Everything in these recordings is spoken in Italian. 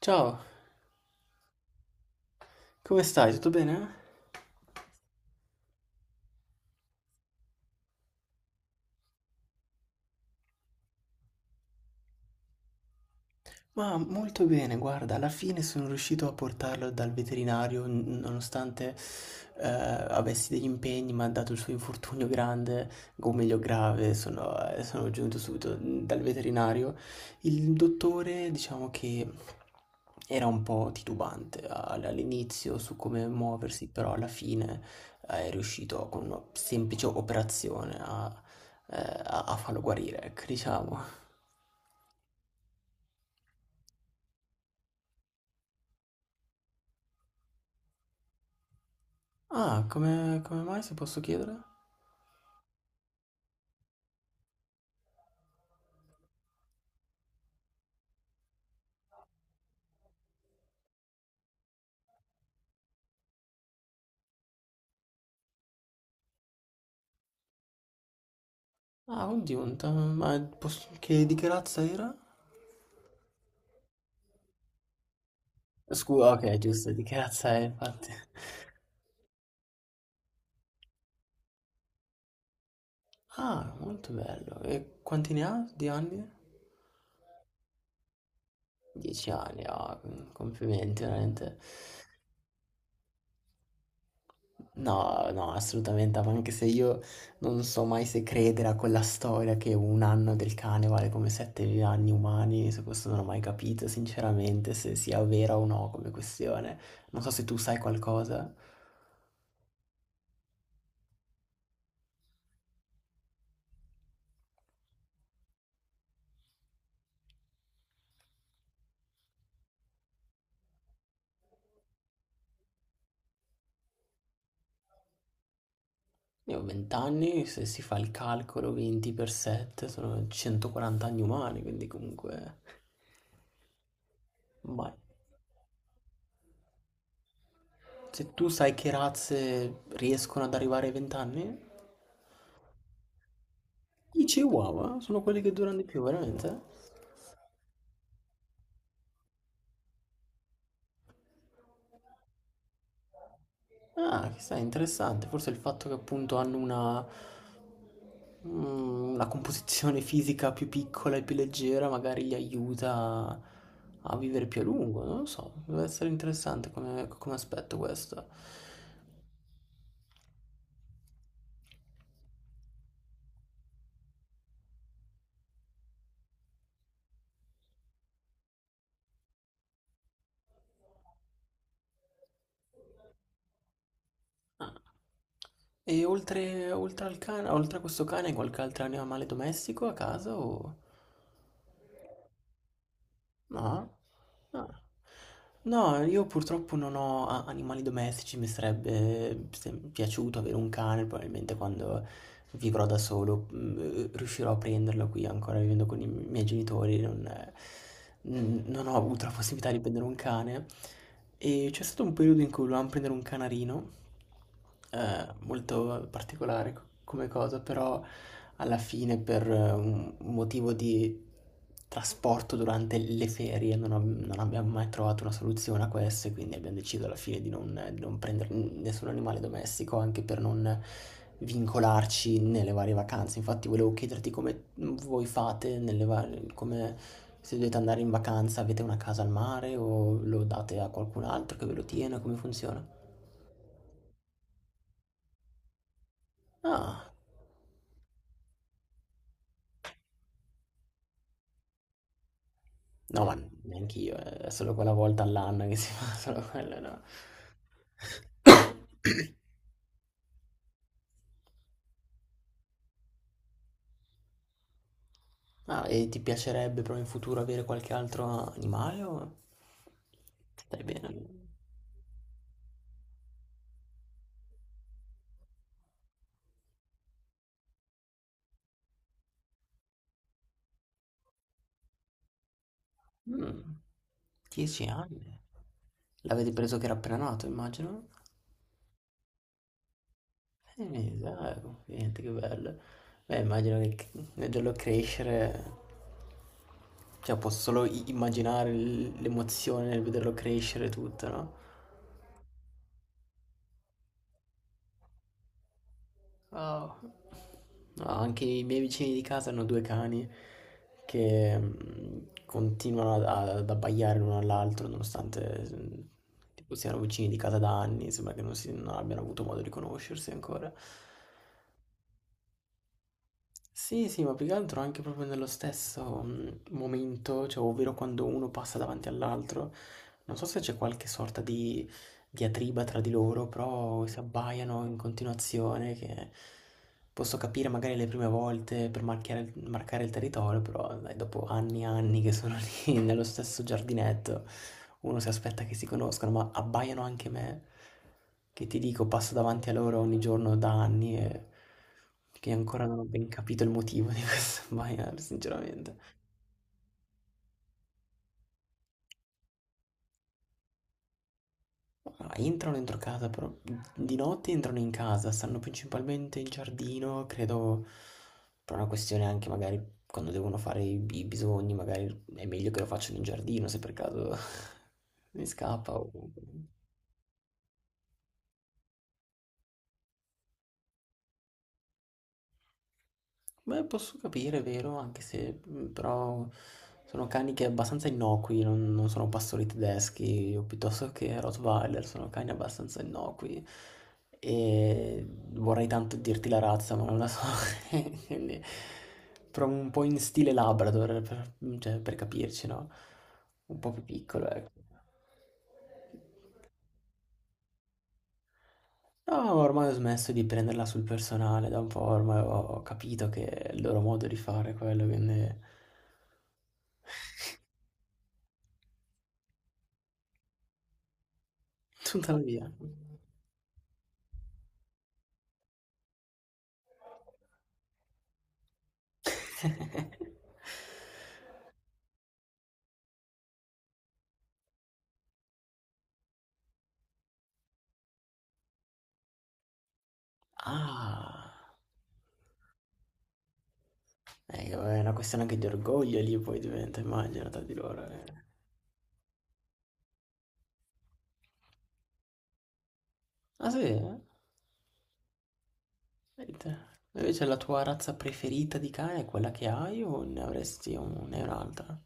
Ciao, come stai? Tutto bene? Ma molto bene, guarda, alla fine sono riuscito a portarlo dal veterinario, nonostante avessi degli impegni, ma dato il suo infortunio grande, o meglio grave, sono giunto subito dal veterinario. Il dottore, diciamo che era un po' titubante all'inizio su come muoversi, però alla fine è riuscito con una semplice operazione eh, a farlo guarire, ecco, diciamo. Ah, come mai, se posso chiedere? Ah, oddio, un ta- ma posso- che, di che razza era? Scusa, ok, giusto, di che razza è, infatti. Ah, molto bello. E quanti ne ha di anni? 10 anni, ah, complimenti, veramente. No, no, assolutamente, ma anche se io non so mai se credere a quella storia che un anno del cane vale come 7 anni umani, su questo non ho mai capito, sinceramente, se sia vera o no come questione. Non so se tu sai qualcosa. Io ho 20 anni, se si fa il calcolo 20 per 7 sono 140 anni umani, quindi comunque... Vai. Se tu sai che razze riescono ad arrivare ai 20 anni, i Chihuahua sono quelli che durano di più, veramente? Ah, chissà, interessante. Forse il fatto che appunto hanno una, una composizione fisica più piccola e più leggera magari li aiuta a vivere più a lungo, non lo so. Deve essere interessante come aspetto questo. Ah, e oltre al cane, oltre a questo cane, qualche altro animale domestico a casa o... No? No. No, io purtroppo non ho animali domestici, mi sarebbe piaciuto avere un cane, probabilmente quando vivrò da solo riuscirò a prenderlo qui ancora vivendo con i miei genitori, non ho avuto la possibilità di prendere un cane. E c'è stato un periodo in cui volevamo prendere un canarino, molto particolare come cosa, però alla fine per un motivo di trasporto durante le ferie non abbiamo mai trovato una soluzione a questo e quindi abbiamo deciso alla fine di non prendere nessun animale domestico anche per non vincolarci nelle varie vacanze. Infatti volevo chiederti come voi fate nelle varie, come se dovete andare in vacanza, avete una casa al mare o lo date a qualcun altro che ve lo tiene, come funziona? Ah, no, ma neanche io, è solo quella volta all'anno che si fa solo quello, no. Ah, e ti piacerebbe però in futuro avere qualche altro animale o stai bene? Mm, 10 anni. L'avete preso che era appena nato, immagino? Mi sa, complimenti, che bello. Beh, immagino che vederlo crescere, cioè posso solo immaginare l'emozione nel vederlo crescere tutto, no? Wow. No, anche i miei vicini di casa hanno 2 cani che continuano ad abbaiare l'uno all'altro nonostante tipo, siano vicini di casa da anni, sembra che non abbiano avuto modo di conoscersi ancora. Sì, sì, ma più che altro anche proprio nello stesso momento, cioè, ovvero quando uno passa davanti all'altro, non so se c'è qualche sorta di diatriba tra di loro, però si abbaiano in continuazione, che posso capire magari le prime volte per marcare il territorio, però dai, dopo anni e anni che sono lì nello stesso giardinetto, uno si aspetta che si conoscano, ma abbaiano anche me, che ti dico, passo davanti a loro ogni giorno da anni e che ancora non ho ben capito il motivo di questo abbaiare, sinceramente. Ma entrano dentro casa, però di notte entrano in casa, stanno principalmente in giardino, credo per una questione anche magari quando devono fare i bisogni, magari è meglio che lo facciano in giardino se per caso mi scappa o... Beh, posso capire, è vero, anche se però sono cani che abbastanza innocui, non, non sono pastori tedeschi, o piuttosto che Rottweiler, sono cani abbastanza innocui. E vorrei tanto dirti la razza, ma non la so. Quindi, però un po' in stile Labrador, per, cioè, per capirci, no? Un po' più piccolo, ecco. No, ormai ho smesso di prenderla sul personale, da un po' ormai ho capito che è il loro modo di fare quello, quindi... Tuttavia. Ah, è una questione anche di orgoglio lì poi diventa, immagino, tra di loro. Eh. Ah sì? Eh? Vedi te. Invece la tua razza preferita di cane è quella che hai o ne avresti ne hai un'altra?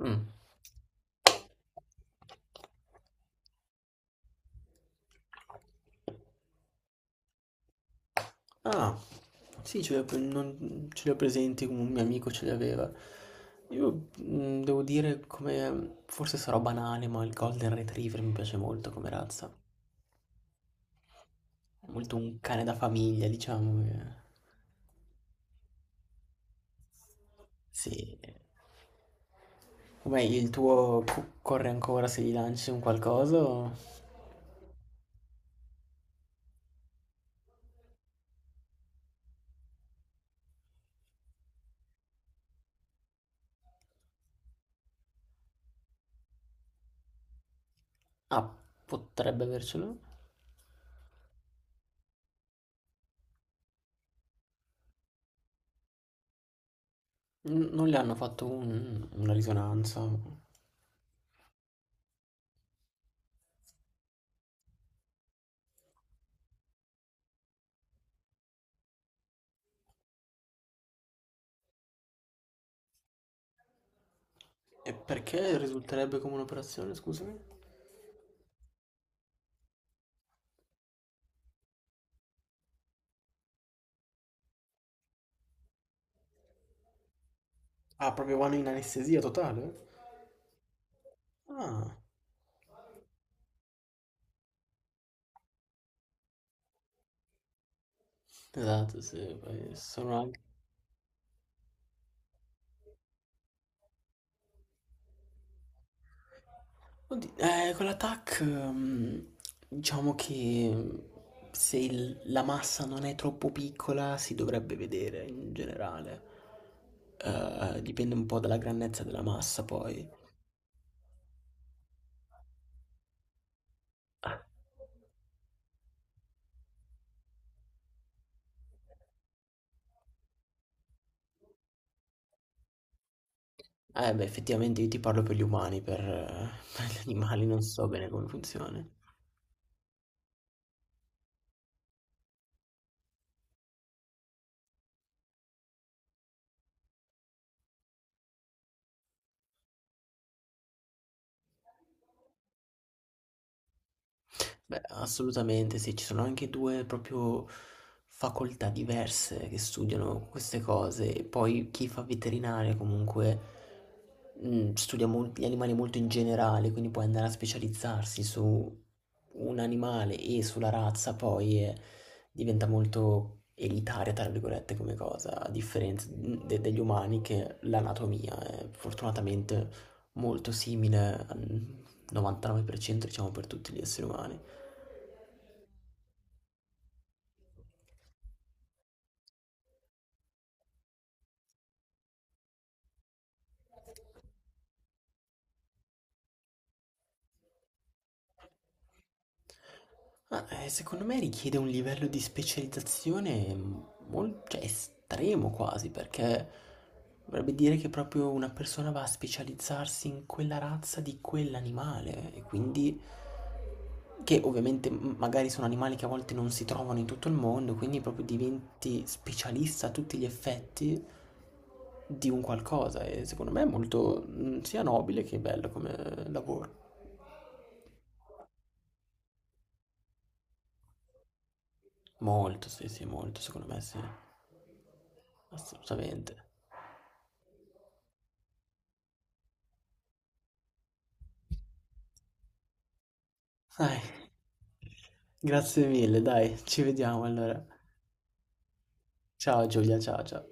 Mm. Ah, sì, ce li ho, ce li ho presenti, un mio amico ce li aveva. Io devo dire come, forse sarò banale, ma il Golden Retriever mi piace molto come razza. È molto un cane da famiglia, diciamo. Che... Sì. Com'è il tuo corre ancora se gli lanci un qualcosa? O... Ah, potrebbe avercelo. Non le hanno fatto una risonanza. E perché risulterebbe come un'operazione, scusami? Ah, proprio vanno in anestesia totale? Ah, esatto, sì, poi sono anche... Oddio, con l'attack, diciamo che se la massa non è troppo piccola si dovrebbe vedere in generale. Dipende un po' dalla grandezza della massa poi. Eh beh, effettivamente io ti parlo per gli umani, per, per gli animali non so bene come funziona. Beh, assolutamente sì, ci sono anche due proprio facoltà diverse che studiano queste cose. E poi chi fa veterinaria comunque studia gli animali molto in generale, quindi puoi andare a specializzarsi su un animale e sulla razza, poi diventa molto elitaria, tra virgolette, come cosa, a differenza degli umani che l'anatomia è fortunatamente molto simile al 99% diciamo per tutti gli esseri umani. Ma, secondo me richiede un livello di specializzazione mol cioè estremo quasi, perché vorrebbe dire che proprio una persona va a specializzarsi in quella razza di quell'animale e quindi che ovviamente m magari sono animali che a volte non si trovano in tutto il mondo, quindi proprio diventi specialista a tutti gli effetti di un qualcosa e secondo me è molto, sia nobile che bello come lavoro. Molto, sì, sì, molto, secondo me sì, assolutamente. Dai, grazie mille, dai, ci vediamo allora. Ciao Giulia, ciao ciao.